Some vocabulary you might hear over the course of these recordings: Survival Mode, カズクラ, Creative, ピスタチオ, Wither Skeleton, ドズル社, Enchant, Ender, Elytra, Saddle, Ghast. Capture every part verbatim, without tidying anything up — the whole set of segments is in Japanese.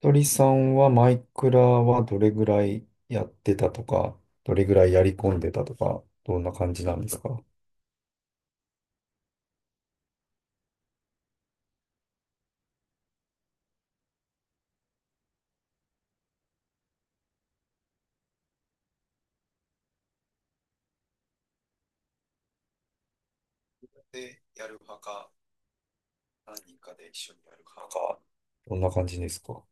鳥さんはマイクラはどれぐらいやってたとか、どれぐらいやり込んでたとか、どんな感じなんですか？でやる派か、何人かで一緒にやる派か、どんな感じですか？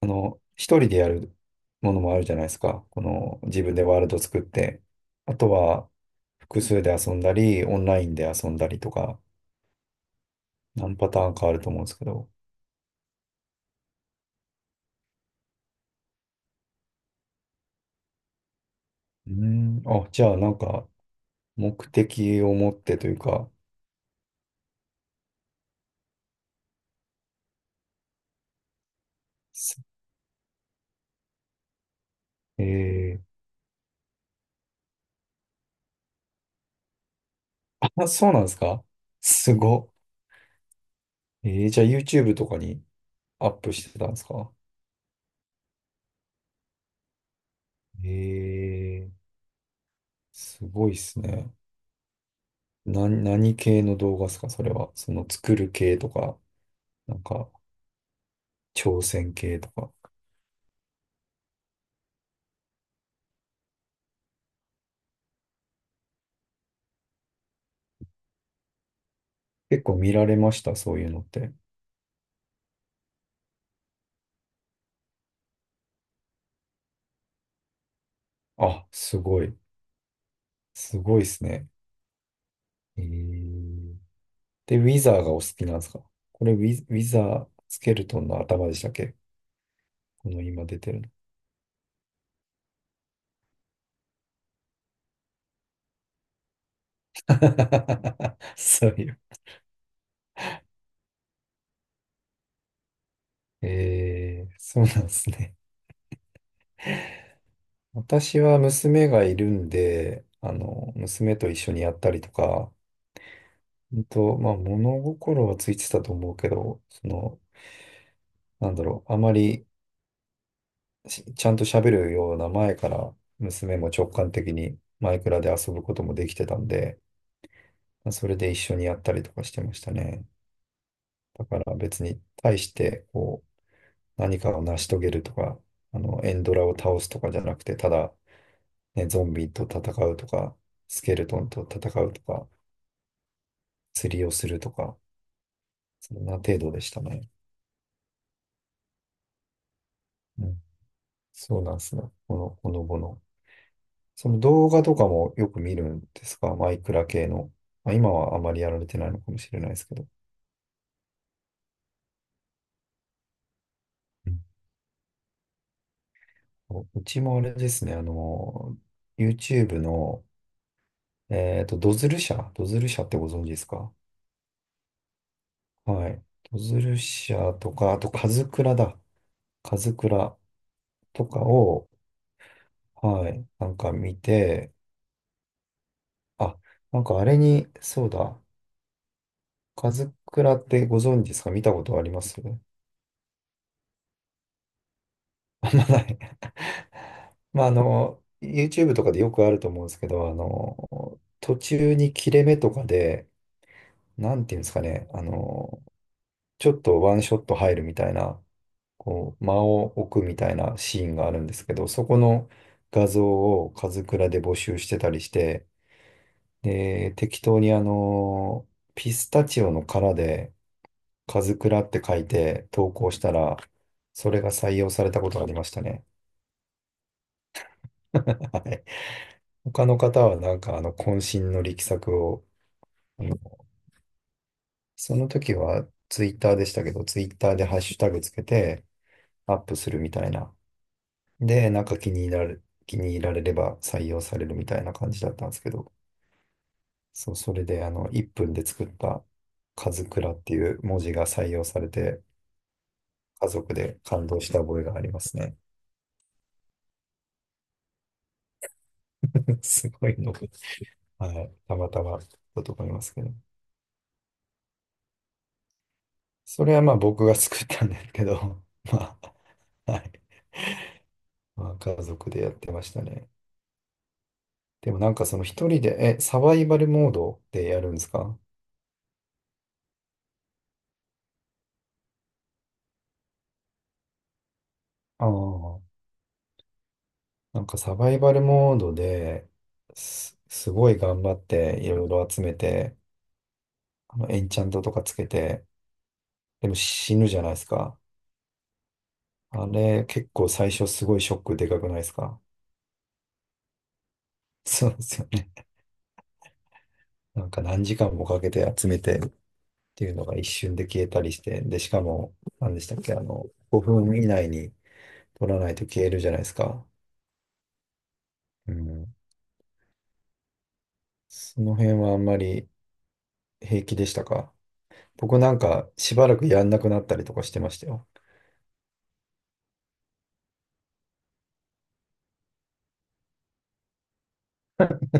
あの、一人でやるものもあるじゃないですか。この自分でワールド作って。あとは複数で遊んだり、オンラインで遊んだりとか、何パターンかあると思うんですけど。うーん、あ、じゃあなんか目的を持ってというか、え、あ、そうなんですか？すごっ。えー、じゃあ YouTube とかにアップしてたんですか？えー、すごいっすね。な、何系の動画ですかそれは。その作る系とか、なんか挑戦系とか。結構見られました、そういうのって。あ、すごい。すごいっすね。えー、で、ウィザーがお好きなんですか？これウィ、ウィザースケルトンの頭でしたっけ？この今出てるの。そういう。えー、そうなんですね。私は娘がいるんで、あの、娘と一緒にやったりとか、うんと、まあ、物心はついてたと思うけど、その、なんだろう、あまりしちゃんと喋るような前から、娘も直感的にマイクラで遊ぶこともできてたんで、まあそれで一緒にやったりとかしてましたね。だから別に対して、こう、何かを成し遂げるとか、あの、エンドラを倒すとかじゃなくて、ただ、ね、ゾンビと戦うとか、スケルトンと戦うとか、釣りをするとか、そんな程度でしたね。うん。そうなんですね。この、このぼの。その動画とかもよく見るんですかマイクラ系の。まあ、今はあまりやられてないのかもしれないですけど。うん。うちもあれですね、あの、YouTube の、えっと、ドズル社、ドズル社ってご存知ですか？はい。ドズル社とか、あと、カズクラだ。カズクラとかを、はい、なんか見て、あ、なんかあれに、そうだ、カズクラってご存知ですか？見たことあります？あんまない。まあ、あの、YouTube とかでよくあると思うんですけど、あの、途中に切れ目とかで、なんていうんですかね、あの、ちょっとワンショット入るみたいな、こう、間を置くみたいなシーンがあるんですけど、そこの画像をカズクラで募集してたりして、で、適当にあの、ピスタチオの殻で、カズクラって書いて投稿したら、それが採用されたことがありましたね。はい。他の方はなんかあの渾身の力作を、あの、その時はツイッターでしたけど、ツイッターでハッシュタグつけてアップするみたいな。で、なんか気に入られ、気に入られれば採用されるみたいな感じだったんですけど、そう、それであのいっぷんで作ったカズクラっていう文字が採用されて、家族で感動した覚えがありますね。すごいの。はい、たまたまだと思いますけど。それはまあ僕が作ったんですけど、まあ、はい。まあ家族でやってましたね。でもなんかその一人で、え、サバイバルモードでやるんですか？ああー、なんかサバイバルモードで、す、すごい頑張っていろいろ集めて、あのエンチャントとかつけて、でも死ぬじゃないですか。あれ結構最初すごいショックでかくないですか？ そうですよね。なんか何時間もかけて集めてていうのが一瞬で消えたりして、で、しかも、何でしたっけ、あの、ごふん以内に取らないと消えるじゃないですか。うん。その辺はあんまり平気でしたか？僕なんかしばらくやんなくなったりとかしてましたよ。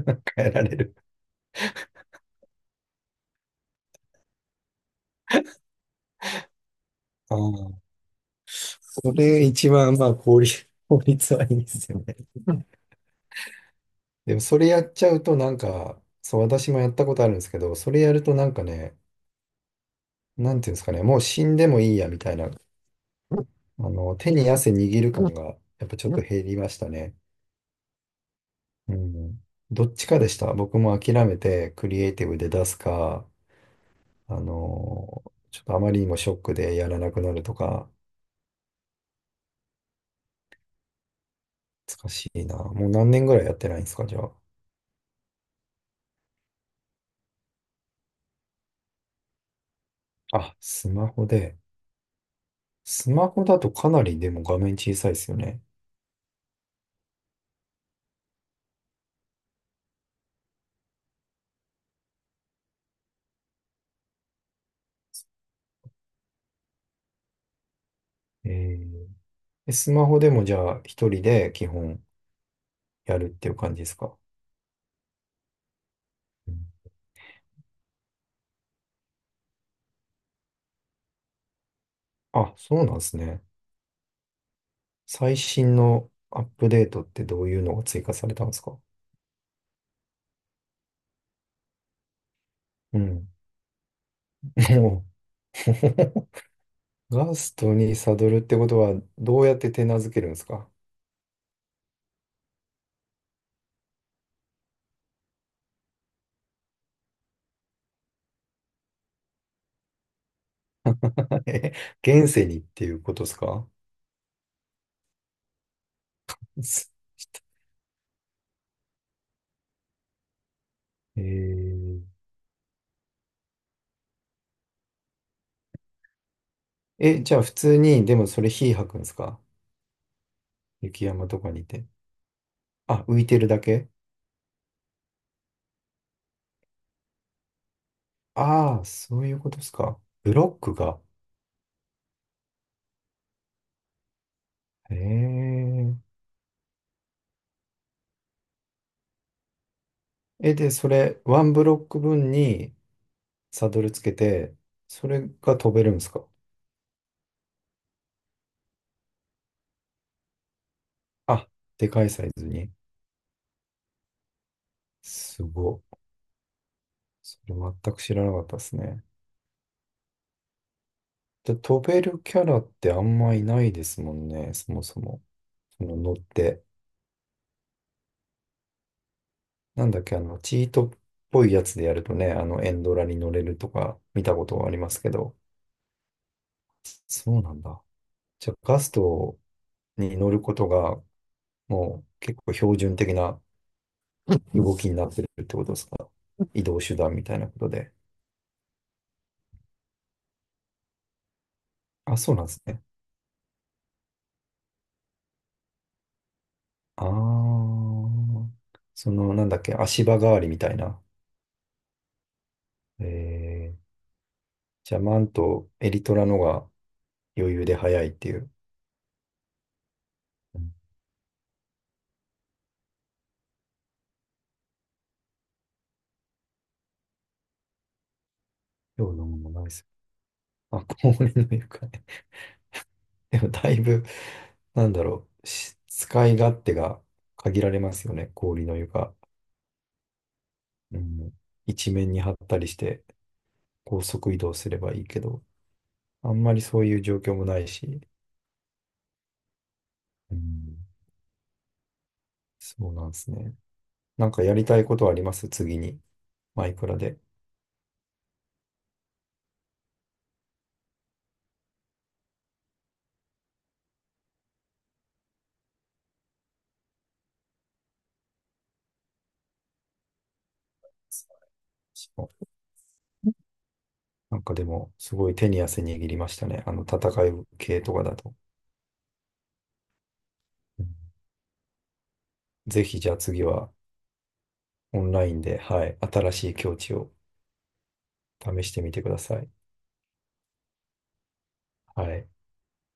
変えられる。ああ、それ一番、まあ、効率、効率はいいですよね。でもそれやっちゃうとなんか、そう、私もやったことあるんですけど、それやるとなんかね、なんていうんですかね、もう死んでもいいやみたいな、あの、手に汗握る感がやっぱちょっと減りましたね。うん。どっちかでした。僕も諦めてクリエイティブで出すか、あのーちょっとあまりにもショックでやらなくなるとか、難しいな。もう何年ぐらいやってないんですか、じゃあ。あ、スマホで。スマホだとかなりでも画面小さいですよね。えー、えスマホでもじゃあ一人で基本やるっていう感じですか。うん。あ、そうなんですね。最新のアップデートってどういうのが追加されたんですか？うん。もう。 ガストにサドルってことは、どうやって手なずけるんですか？ え、現世にっていうことですか？す、えー、え、じゃあ普通に、でもそれ火吐くんですか？雪山とかにいて。あ、浮いてるだけ。ああそういうことですか。ブロックが。えー、え、で、それ、ワンブロック分にサドルつけて、それが飛べるんですか？あ、でかいサイズに。すご。それ全く知らなかったですね。で、飛べるキャラってあんまいないですもんね、そもそも。その乗って。なんだっけ、あの、チートっぽいやつでやるとね、あの、エンドラに乗れるとか見たことがありますけど。そうなんだ。じゃあ、ガストに乗ることが、もう結構標準的な動きになってるってことですか？移動手段みたいなことで。あ、そうなんですね。ああ、その、なんだっけ、足場代わりみたいな。えー、じゃあ、マント、エリトラのが、余裕で早いっていう。うん。ようなものないです。あ、氷の床ね。でもだいぶ、なんだろう、し使い勝手が限られますよね、氷の床。うん、一面に張ったりして、高速移動すればいいけど、あんまりそういう状況もないし、うん、そうなんですね。なんかやりたいことはあります次に。マイクラで。なんかでも、すごい手に汗握りましたね。あの、戦い系とかだと。うん。ぜひじゃあ次はオンラインで、はい、新しい境地を試してみてください。はい。